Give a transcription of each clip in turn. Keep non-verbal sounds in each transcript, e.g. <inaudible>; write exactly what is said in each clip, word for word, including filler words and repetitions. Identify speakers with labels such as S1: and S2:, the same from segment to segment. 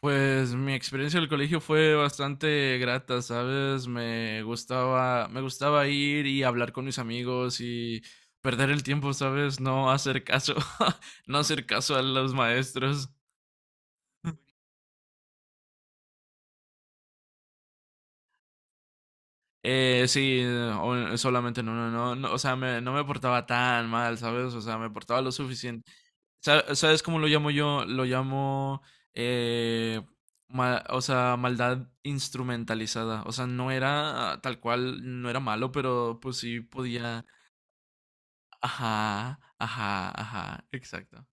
S1: Pues mi experiencia del colegio fue bastante grata, ¿sabes? Me gustaba, me gustaba ir y hablar con mis amigos y perder el tiempo, ¿sabes? No hacer caso, <laughs> no hacer caso a los maestros. Eh, sí, o- solamente no, no, no, no, o sea, me, no me portaba tan mal, ¿sabes? O sea, me portaba lo suficiente. Sa- ¿Sabes cómo lo llamo yo? Lo llamo eh, ma- o sea, maldad instrumentalizada. O sea, no era ah, tal cual, no era malo, pero pues sí podía. Ajá, ajá, ajá, exacto.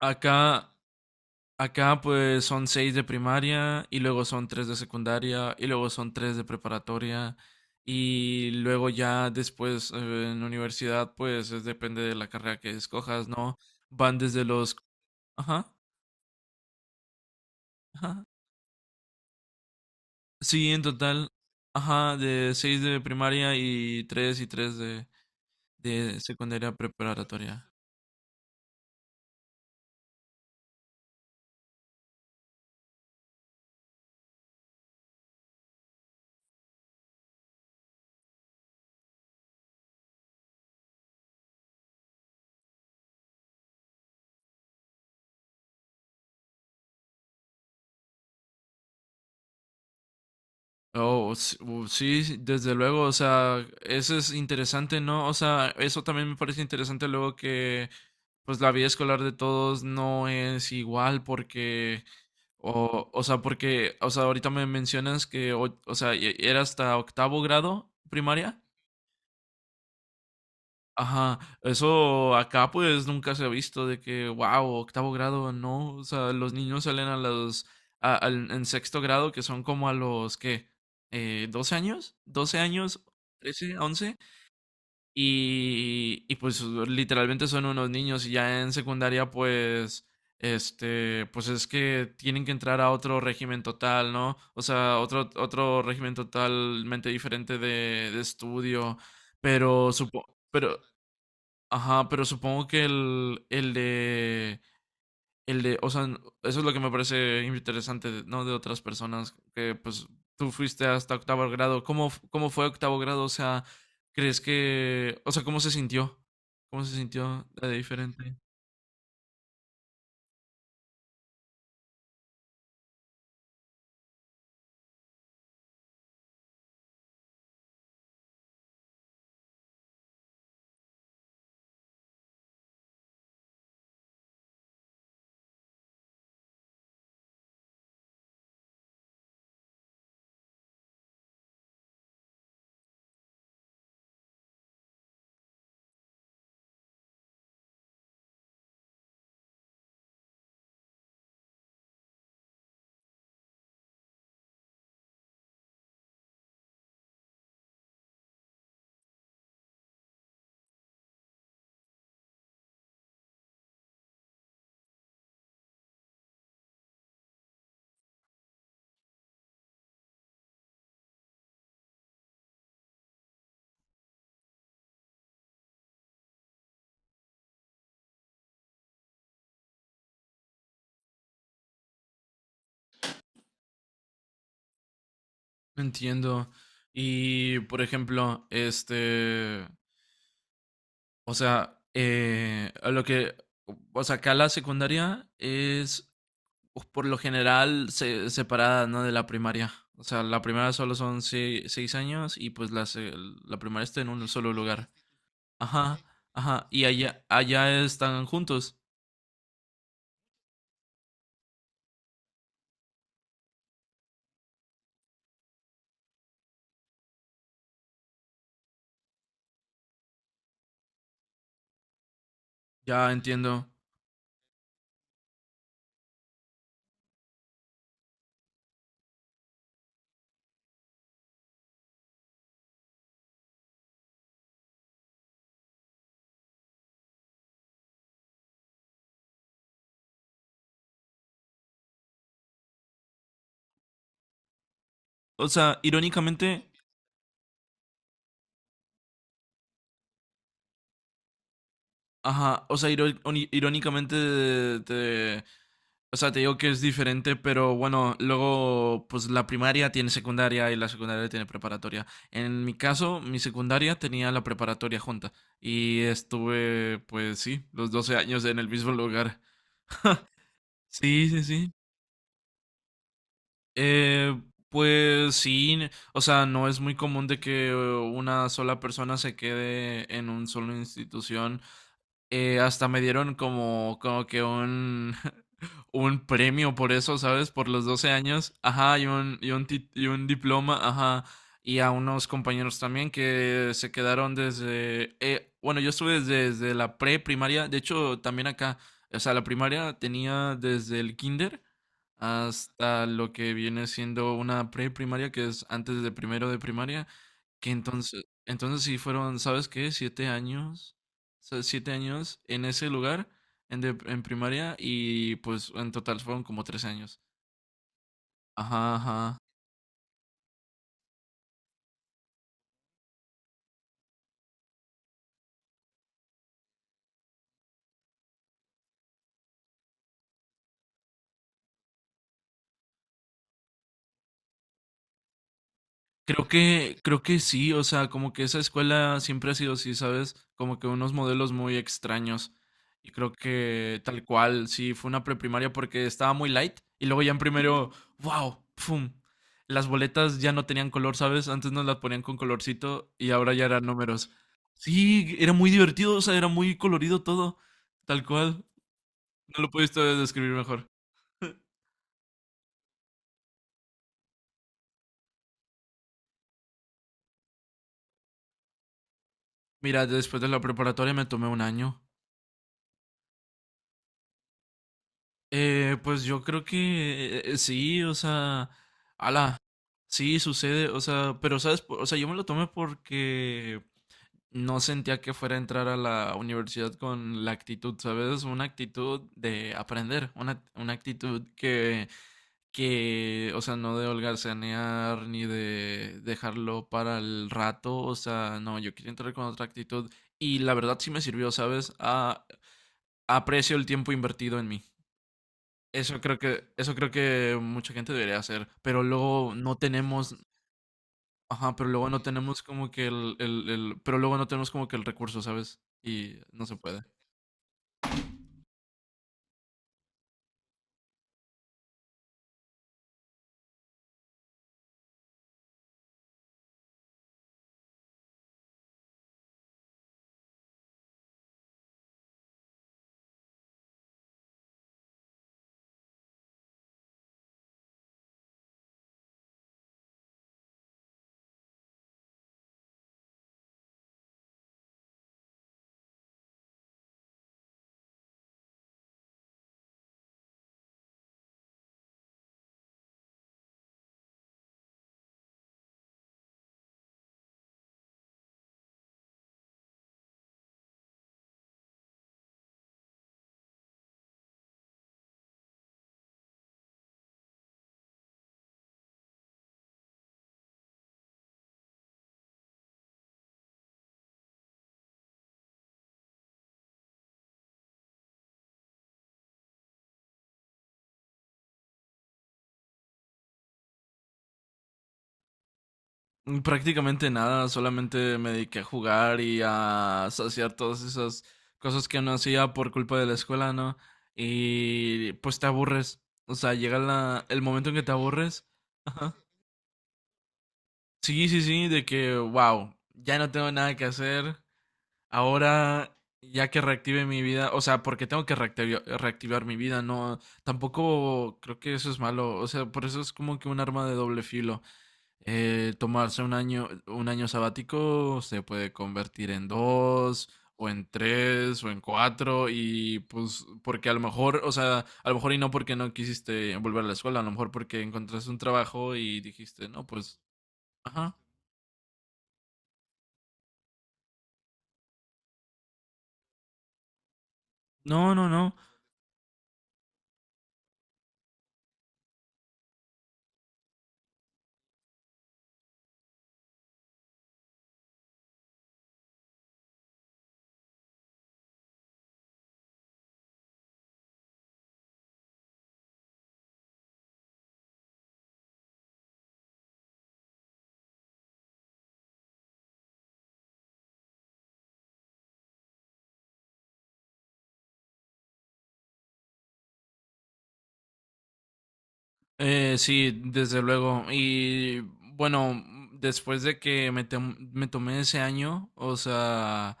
S1: Acá, acá pues son seis de primaria y luego son tres de secundaria y luego son tres de preparatoria y luego ya después eh, en la universidad pues es- depende de la carrera que escojas, ¿no? Van desde los... Ajá. Ajá. Sí, en total, ajá, de seis de primaria y tres y tres de, de secundaria, preparatoria. Oh, s- uh, sí, sí, desde luego, o sea, eso es interesante, ¿no? O sea, eso también me parece interesante luego que, pues, la vida escolar de todos no es igual porque, o, o sea, porque, o sea, ahorita me mencionas que, o, o sea, e- era hasta octavo grado primaria. Ajá, eso acá pues nunca se ha visto de que, wow, octavo grado, no, o sea, los niños salen a los, a- al- en sexto grado, que son como a los, ¿qué? Eh, ¿doce años? ¿Doce años? ¿Trece? ¿Once? Y, y pues literalmente son unos niños y ya en secundaria pues, este, pues es que tienen que entrar a otro régimen total, ¿no? O sea, otro, otro régimen totalmente diferente de, de estudio, pero supongo... Pero, ajá, pero supongo que el, el de, el de, o sea, eso es lo que me parece interesante, de- ¿no? De otras personas, que pues tú fuiste hasta octavo grado. ¿Cómo, f- cómo fue octavo grado? O sea, ¿crees que, o sea, cómo se sintió? ¿Cómo se sintió de diferente? Entiendo. Y, por ejemplo, este, o sea, eh, a lo que, o sea, acá la secundaria es, pues, por lo general se, separada, ¿no? De la primaria. O sea, la primaria solo son se- seis años y pues la, se- la primaria está en un solo lugar. Ajá, ajá. Y allá, allá están juntos. Ya entiendo. O sea, irónicamente, ajá. O sea, iró- oni- irónicamente te. O sea, te digo que es diferente, pero bueno, luego pues la primaria tiene secundaria y la secundaria tiene preparatoria. En mi caso, mi secundaria tenía la preparatoria junta y estuve, pues sí, los doce años en el mismo lugar. Sí, sí, sí. Eh, pues sí, n- o sea, no es muy común de que eh, una sola persona se quede en un solo institución, eh, hasta me dieron como, como que un, <laughs> un premio por eso, ¿sabes? Por los doce años, ajá, y un, y un, tit- y un diploma, ajá, y a unos compañeros también que se quedaron desde, eh, bueno, yo estuve desde, desde la pre-primaria, de hecho, también acá, o sea, la primaria tenía desde el kinder hasta lo que viene siendo una pre-primaria, que es antes de primero de primaria. Que entonces, entonces sí fueron, ¿sabes qué? Siete años, sea, siete años en ese lugar, en, de- en primaria, y pues en total fueron como tres años. Ajá, ajá. Creo que, creo que sí, o sea, como que esa escuela siempre ha sido así, ¿sabes? Como que unos modelos muy extraños. Y creo que, tal cual, sí, fue una preprimaria porque estaba muy light. Y luego ya en primero, wow, pum. Las boletas ya no tenían color, ¿sabes? Antes nos las ponían con colorcito y ahora ya eran números. Sí, era muy divertido, o sea, era muy colorido todo, tal cual. No lo pudiste describir mejor. Mira, después de la preparatoria me tomé un año. Eh, pues yo creo que eh, eh, sí, o sea, ala, sí sucede, o sea, pero sabes, Po- o sea, yo me lo tomé porque no sentía que fuera a entrar a la universidad con la actitud, ¿sabes? Una actitud de aprender, una, una actitud que que, o sea, no de holgarzanear ni de dejarlo para el rato, o sea, no, yo quería entrar con otra actitud y la verdad sí me sirvió, ¿sabes? A, aprecio el tiempo invertido en mí. Eso creo que, eso creo que mucha gente debería hacer, pero luego no tenemos, ajá, pero luego no tenemos como que el, el, el, pero luego no tenemos como que el recurso, ¿sabes? Y no se puede. Mm, Prácticamente nada, solamente me dediqué a jugar y a saciar todas esas cosas que no hacía por culpa de la escuela, ¿no? Y pues te aburres. O sea, llega la- el momento en que te aburres. Ajá. Sí, sí, sí, de que, wow, ya no tengo nada que hacer. Ahora, ya que reactive mi vida, o sea, porque tengo que reactivar, reactivar mi vida, no, tampoco creo que eso es malo, o sea, por eso es como que un arma de doble filo. Eh, tomarse un año, un año sabático se puede convertir en dos, o en tres, o en cuatro, y pues porque a lo mejor, o sea, a lo mejor y no porque no quisiste volver a la escuela, a lo mejor porque encontraste un trabajo y dijiste, no, pues, ajá, no, no, no. Eh, sí, desde luego. Y bueno, después de que me, tem- me tomé ese año, o sea,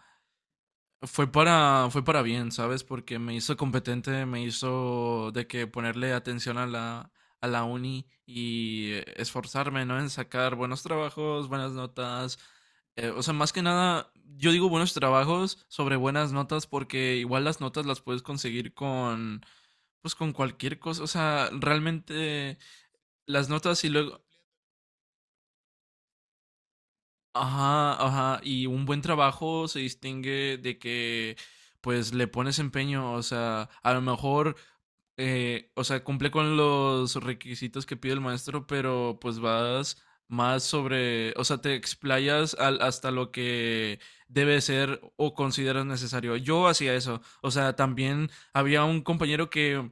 S1: fue para, fue para bien, ¿sabes? Porque me hizo competente, me hizo de que ponerle atención a la, a la uni y eh, esforzarme, ¿no? En sacar buenos trabajos, buenas notas. Eh, o sea, más que nada, yo digo buenos trabajos sobre buenas notas porque igual las notas las puedes conseguir con, pues, con cualquier cosa. O sea, realmente las notas y luego, ajá, ajá, y un buen trabajo se distingue de que, pues, le pones empeño, o sea, a lo mejor, eh, o sea, cumple con los requisitos que pide el maestro, pero pues vas más sobre, o sea, te explayas al- hasta lo que debe ser o consideras necesario. Yo hacía eso, o sea, también había un compañero que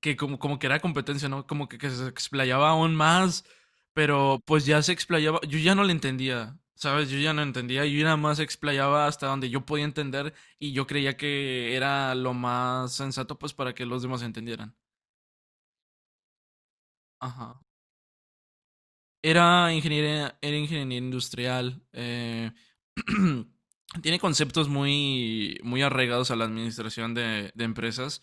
S1: que, como, como que era competencia, ¿no? Como que, que se explayaba aún más, pero pues ya se explayaba, yo ya no le entendía, ¿sabes? Yo ya no entendía, yo nada más explayaba hasta donde yo podía entender, y yo creía que era lo más sensato pues para que los demás entendieran. Ajá. Era ingeniero, era ingeniero industrial. Eh, <clears throat> tiene conceptos muy, muy arraigados a la administración de, de empresas,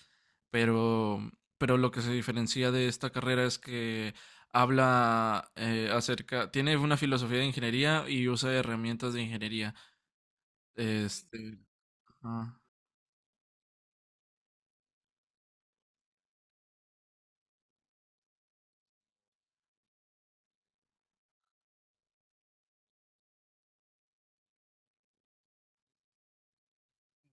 S1: pero, pero lo que se diferencia de esta carrera es que habla eh, acerca, tiene una filosofía de ingeniería y usa herramientas de ingeniería. Este, ajá.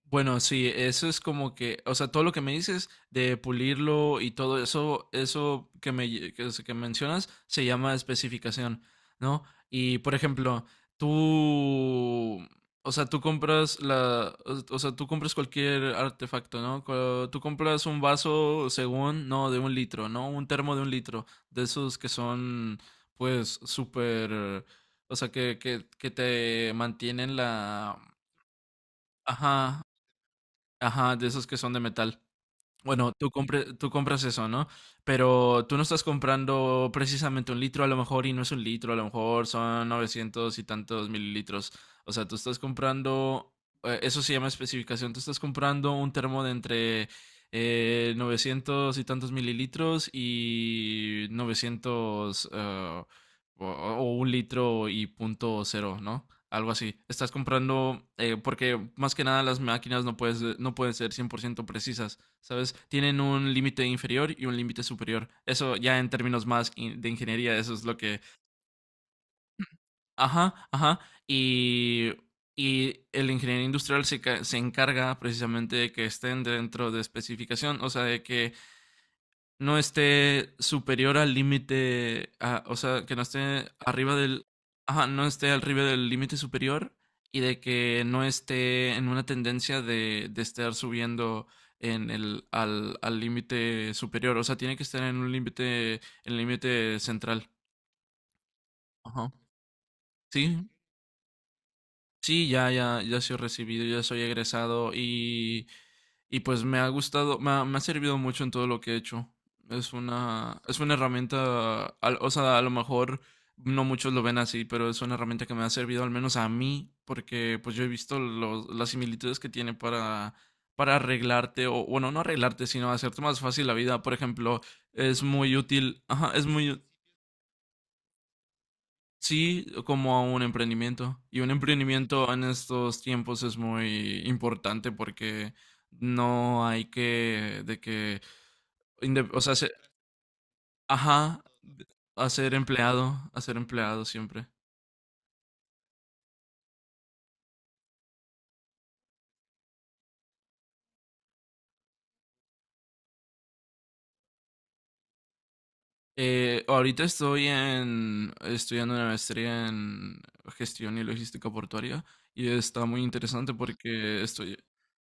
S1: Bueno, sí, eso es como que, o sea, todo lo que me dices de pulirlo y todo eso, eso que me lle- que, que mencionas se llama especificación, ¿no? Y por ejemplo, tú, o sea, tú compras la, o sea, tú compras cualquier artefacto, ¿no? Co- Tú compras un vaso según, no, de un litro, ¿no? Un termo de un litro, de esos que son, pues, súper, o sea, que, que, que te mantienen la, ajá. Ajá, de esos que son de metal. Bueno, tú compre- tú compras eso, ¿no? Pero tú no estás comprando precisamente un litro, a lo mejor, y no es un litro, a lo mejor son novecientos y tantos mililitros. O sea, tú estás comprando, eh, eso se llama especificación, tú estás comprando un termo de entre eh, novecientos y tantos mililitros y novecientos eh, o, o un litro y punto cero, ¿no? Algo así. Estás comprando, eh, porque más que nada las máquinas no puedes- no pueden ser cien por ciento precisas. ¿Sabes? Tienen un límite inferior y un límite superior. Eso ya en términos más in- de ingeniería, eso es lo que... Ajá, ajá. Y, y el ingeniero industrial se, ca- se encarga precisamente de que estén dentro de especificación, o sea, de que no esté superior al límite, a- o sea, que no esté arriba del, ajá, no esté arriba del límite superior y de que no esté en una tendencia de, de estar subiendo en el, al, al límite superior, o sea, tiene que estar en un límite, el límite central. Ajá. Sí, sí, ya, ya, ya soy recibido, ya soy egresado y, y pues me ha gustado, me ha, me ha servido mucho en todo lo que he hecho. Es una, es una herramienta, al- o sea, a lo mejor no muchos lo ven así, pero es una herramienta que me ha servido al menos a mí, porque pues yo he visto los- las similitudes que tiene para, para arreglarte, o bueno, no arreglarte, sino hacerte más fácil la vida. Por ejemplo, es muy útil, ajá, es muy... Sí, como a un emprendimiento. Y un emprendimiento en estos tiempos es muy importante porque no hay que, de que, inde- o sea, se- ajá, a ser empleado, a ser empleado siempre. Eh, ahorita estoy en, estudiando una maestría en gestión y logística portuaria y está muy interesante porque estoy,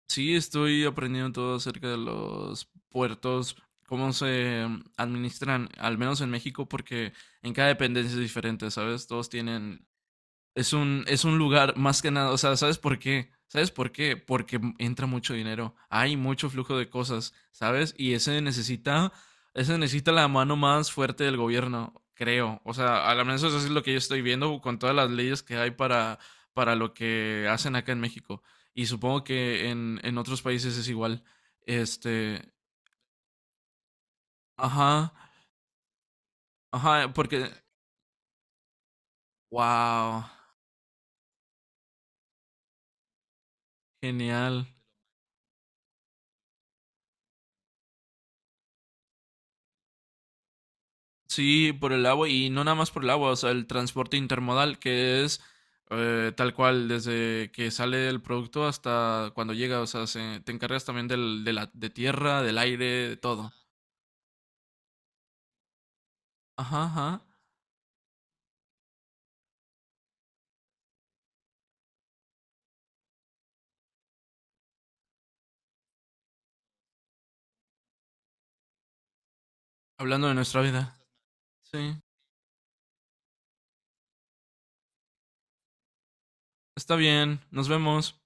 S1: sí, estoy aprendiendo todo acerca de los puertos, cómo se administran, al menos en México, porque en cada dependencia es diferente, ¿sabes? Todos tienen, es un, es un lugar más que nada, o sea, ¿sabes por qué? ¿Sabes por qué? Porque entra mucho dinero, hay mucho flujo de cosas, ¿sabes? Y ese necesita, ese necesita la mano más fuerte del gobierno, creo. O sea, a lo menos eso es lo que yo estoy viendo con todas las leyes que hay para, para lo que hacen acá en México. Y supongo que en, en otros países es igual. Este, ajá, ajá, porque, wow, genial. Sí, por el agua y no nada más por el agua, o sea, el transporte intermodal que es eh, tal cual desde que sale el producto hasta cuando llega, o sea, se- te encargas también del, de la de tierra, del aire, de todo. Ajá, ajá. Hablando de nuestra vida. Sí. Está bien, nos vemos.